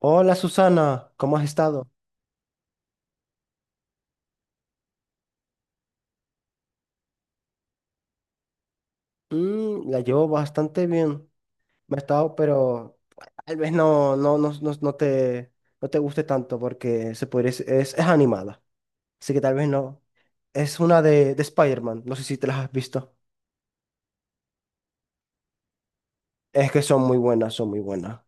Hola Susana, ¿cómo has estado? La llevo bastante bien. Me ha estado, pero tal vez no te guste tanto porque se podría, es animada. Así que tal vez no. Es una de Spider-Man. No sé si te las has visto. Es que son muy buenas, son muy buenas.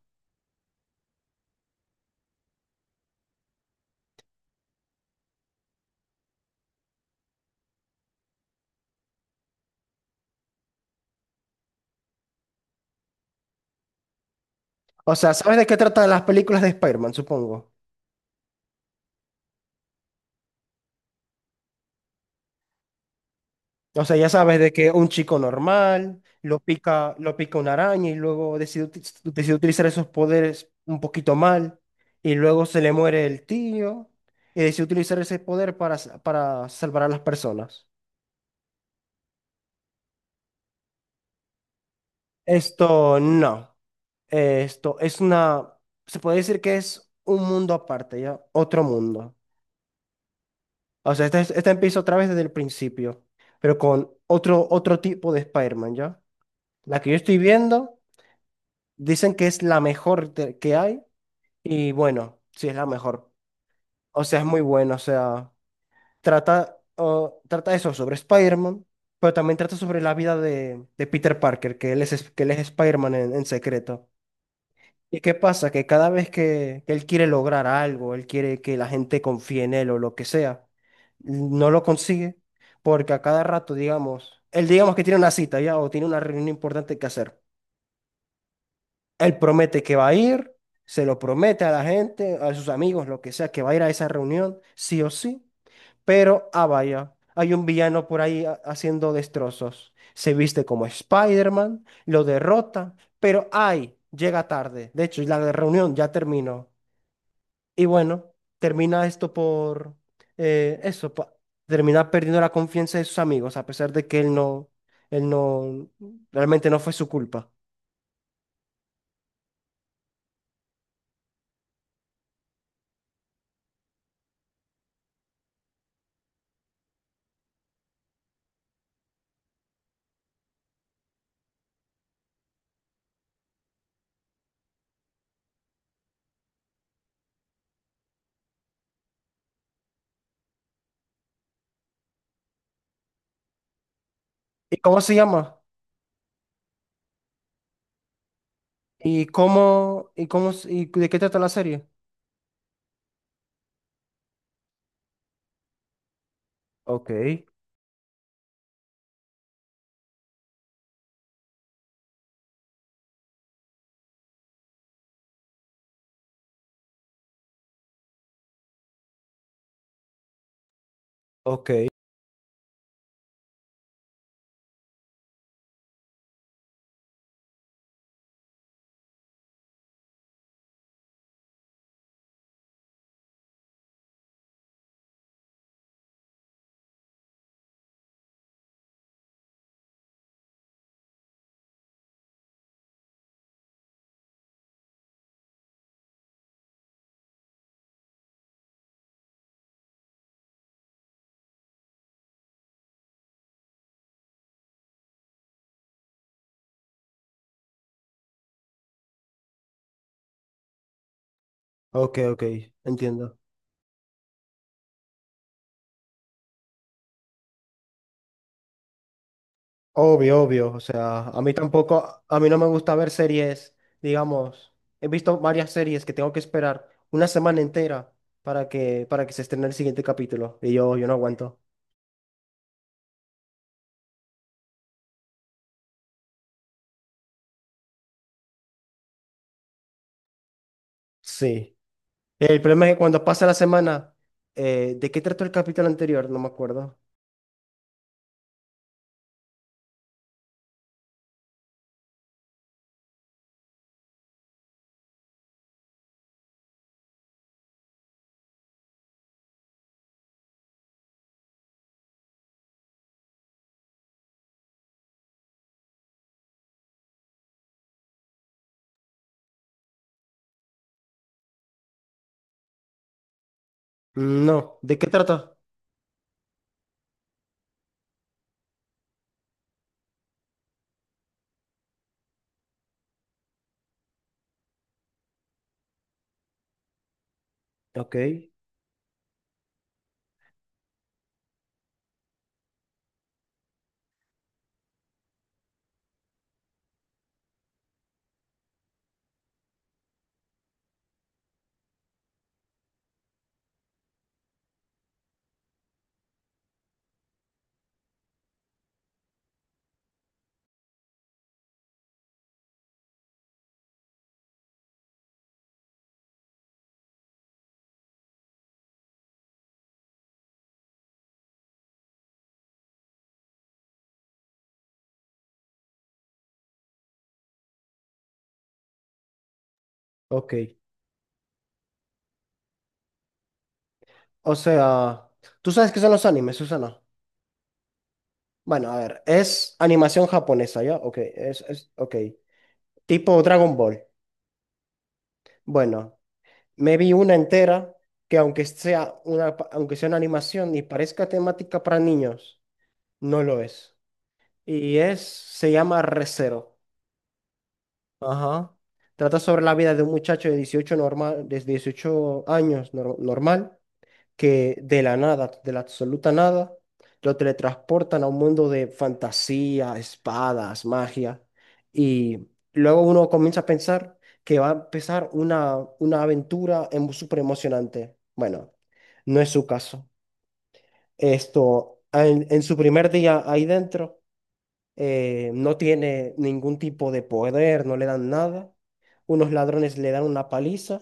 O sea, ¿sabes de qué tratan las películas de Spider-Man, supongo? O sea, ya sabes de que un chico normal lo pica una araña y luego decide utilizar esos poderes un poquito mal y luego se le muere el tío y decide utilizar ese poder para, para salvar a las personas. Esto no. Esto es una, Se puede decir que es un mundo aparte, ¿ya? Otro mundo. O sea, este empieza otra vez desde el principio, pero con otro tipo de Spider-Man, ¿ya? La que yo estoy viendo. Dicen que es la mejor que hay y bueno, sí es la mejor. O sea, es muy bueno, o sea, trata eso sobre Spider-Man, pero también trata sobre la vida de Peter Parker, que él que él es Spider-Man en secreto. ¿Y qué pasa? Que cada vez que él quiere lograr algo, él quiere que la gente confíe en él o lo que sea, no lo consigue porque a cada rato, digamos, él digamos que tiene una cita ya o tiene una reunión importante que hacer. Él promete que va a ir, se lo promete a la gente, a sus amigos, lo que sea, que va a ir a esa reunión, sí o sí. Pero, ah, vaya, hay un villano por ahí haciendo destrozos. Se viste como Spider-Man, lo derrota, pero, ay, llega tarde. De hecho, la reunión ya terminó. Y bueno, termina esto por eh, eso, pa- termina perdiendo la confianza de sus amigos, a pesar de que él no, realmente no fue su culpa. ¿Y cómo se llama? ¿Y y de qué trata la serie? Ok, ok, ok, entiendo. Obvio, obvio, o sea, a mí tampoco, a mí no me gusta ver series, digamos, he visto varias series que tengo que esperar una semana entera para que se estrene el siguiente capítulo, y yo no aguanto. Sí. El problema es que cuando pasa la semana, ¿de qué trató el capítulo anterior? No me acuerdo. No, ¿de qué trata? Ok, ok. O sea, ¿tú sabes qué son los animes, Susana? Bueno, a ver, es animación japonesa, ¿ya? Ok, ok. Tipo Dragon Ball. Bueno, me vi una entera que aunque sea una, aunque sea una animación y parezca temática para niños, no lo es. Y es, se llama Re:Zero. Ajá. Trata sobre la vida de un muchacho de 18 normal, de 18 años normal, que de la nada, de la absoluta nada, lo teletransportan a un mundo de fantasía, espadas, magia, y luego uno comienza a pensar que va a empezar una aventura súper emocionante. Bueno, no es su caso. Esto, en su primer día ahí dentro, no tiene ningún tipo de poder, no le dan nada. Unos ladrones le dan una paliza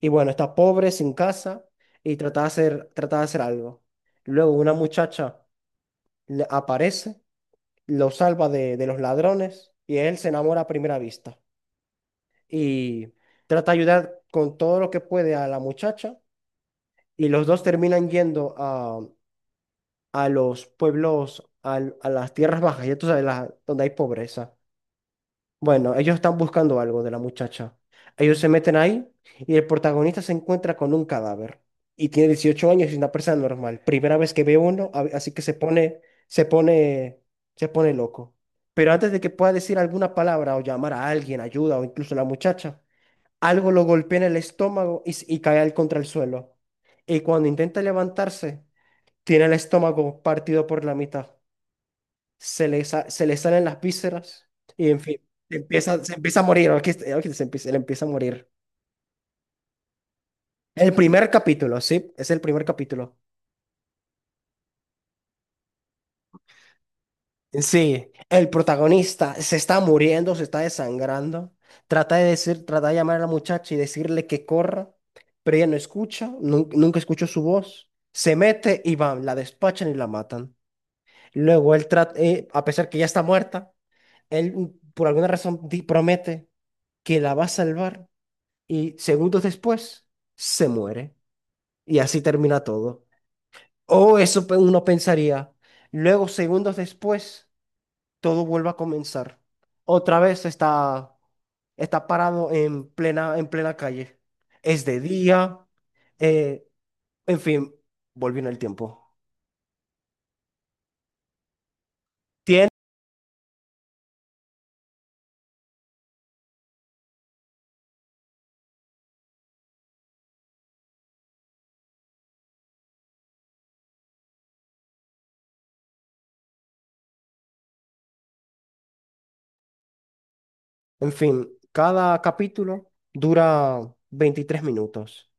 y bueno, está pobre, sin casa y trata de hacer algo. Luego una muchacha le aparece, lo salva de los ladrones y él se enamora a primera vista y trata de ayudar con todo lo que puede a la muchacha y los dos terminan yendo a los pueblos, las tierras bajas, ya tú sabes, donde hay pobreza. Bueno, ellos están buscando algo de la muchacha. Ellos se meten ahí y el protagonista se encuentra con un cadáver. Y tiene 18 años y es una persona normal. Primera vez que ve uno, así que se pone, se pone loco. Pero antes de que pueda decir alguna palabra o llamar a alguien, ayuda o incluso a la muchacha, algo lo golpea en el estómago y, y cae al contra el suelo. Y cuando intenta levantarse, tiene el estómago partido por la mitad, se le, se le salen las vísceras y en fin, se empieza a morir, aquí, aquí se empieza, él empieza a morir. El primer capítulo, sí, es el primer capítulo. Sí, el protagonista se está muriendo, se está desangrando, trata de llamar a la muchacha y decirle que corra, pero ella no escucha, nunca escuchó su voz, se mete y van, la despachan y la matan. Luego él trata, a pesar que ya está muerta, él por alguna razón promete que la va a salvar y segundos después se muere. Y así termina todo. O eso uno pensaría. Luego, segundos después, todo vuelve a comenzar. Otra vez está parado en en plena calle. Es de día. eh, en fin, volviendo el tiempo. Tiene, en fin, cada capítulo dura 23 minutos.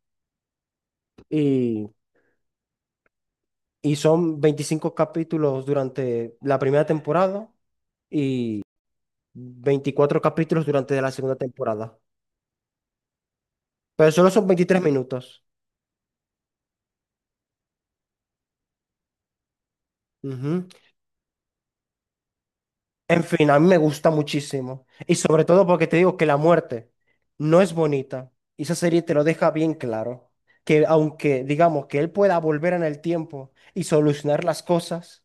Y, y son 25 capítulos durante la primera temporada. Y 24 capítulos durante la segunda temporada. Pero solo son 23 minutos. Ujú. En fin, a mí me gusta muchísimo. Y sobre todo porque te digo que la muerte no es bonita. Y esa serie te lo deja bien claro. Que aunque digamos que él pueda volver en el tiempo y solucionar las cosas,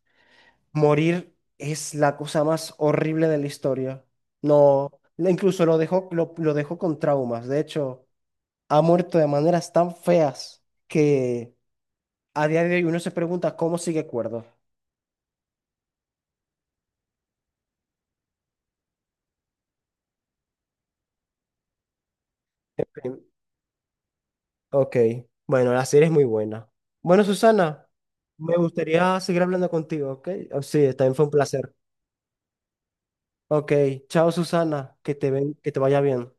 morir es la cosa más horrible de la historia. No, incluso lo dejó, lo dejó con traumas. De hecho, ha muerto de maneras tan feas que a día de hoy uno se pregunta cómo sigue cuerdo. En fin, ok, bueno, la serie es muy buena. Bueno, Susana, me gustaría seguir hablando contigo, ¿ok? Oh, sí, también fue un placer. Ok, chao, Susana, que te vaya bien.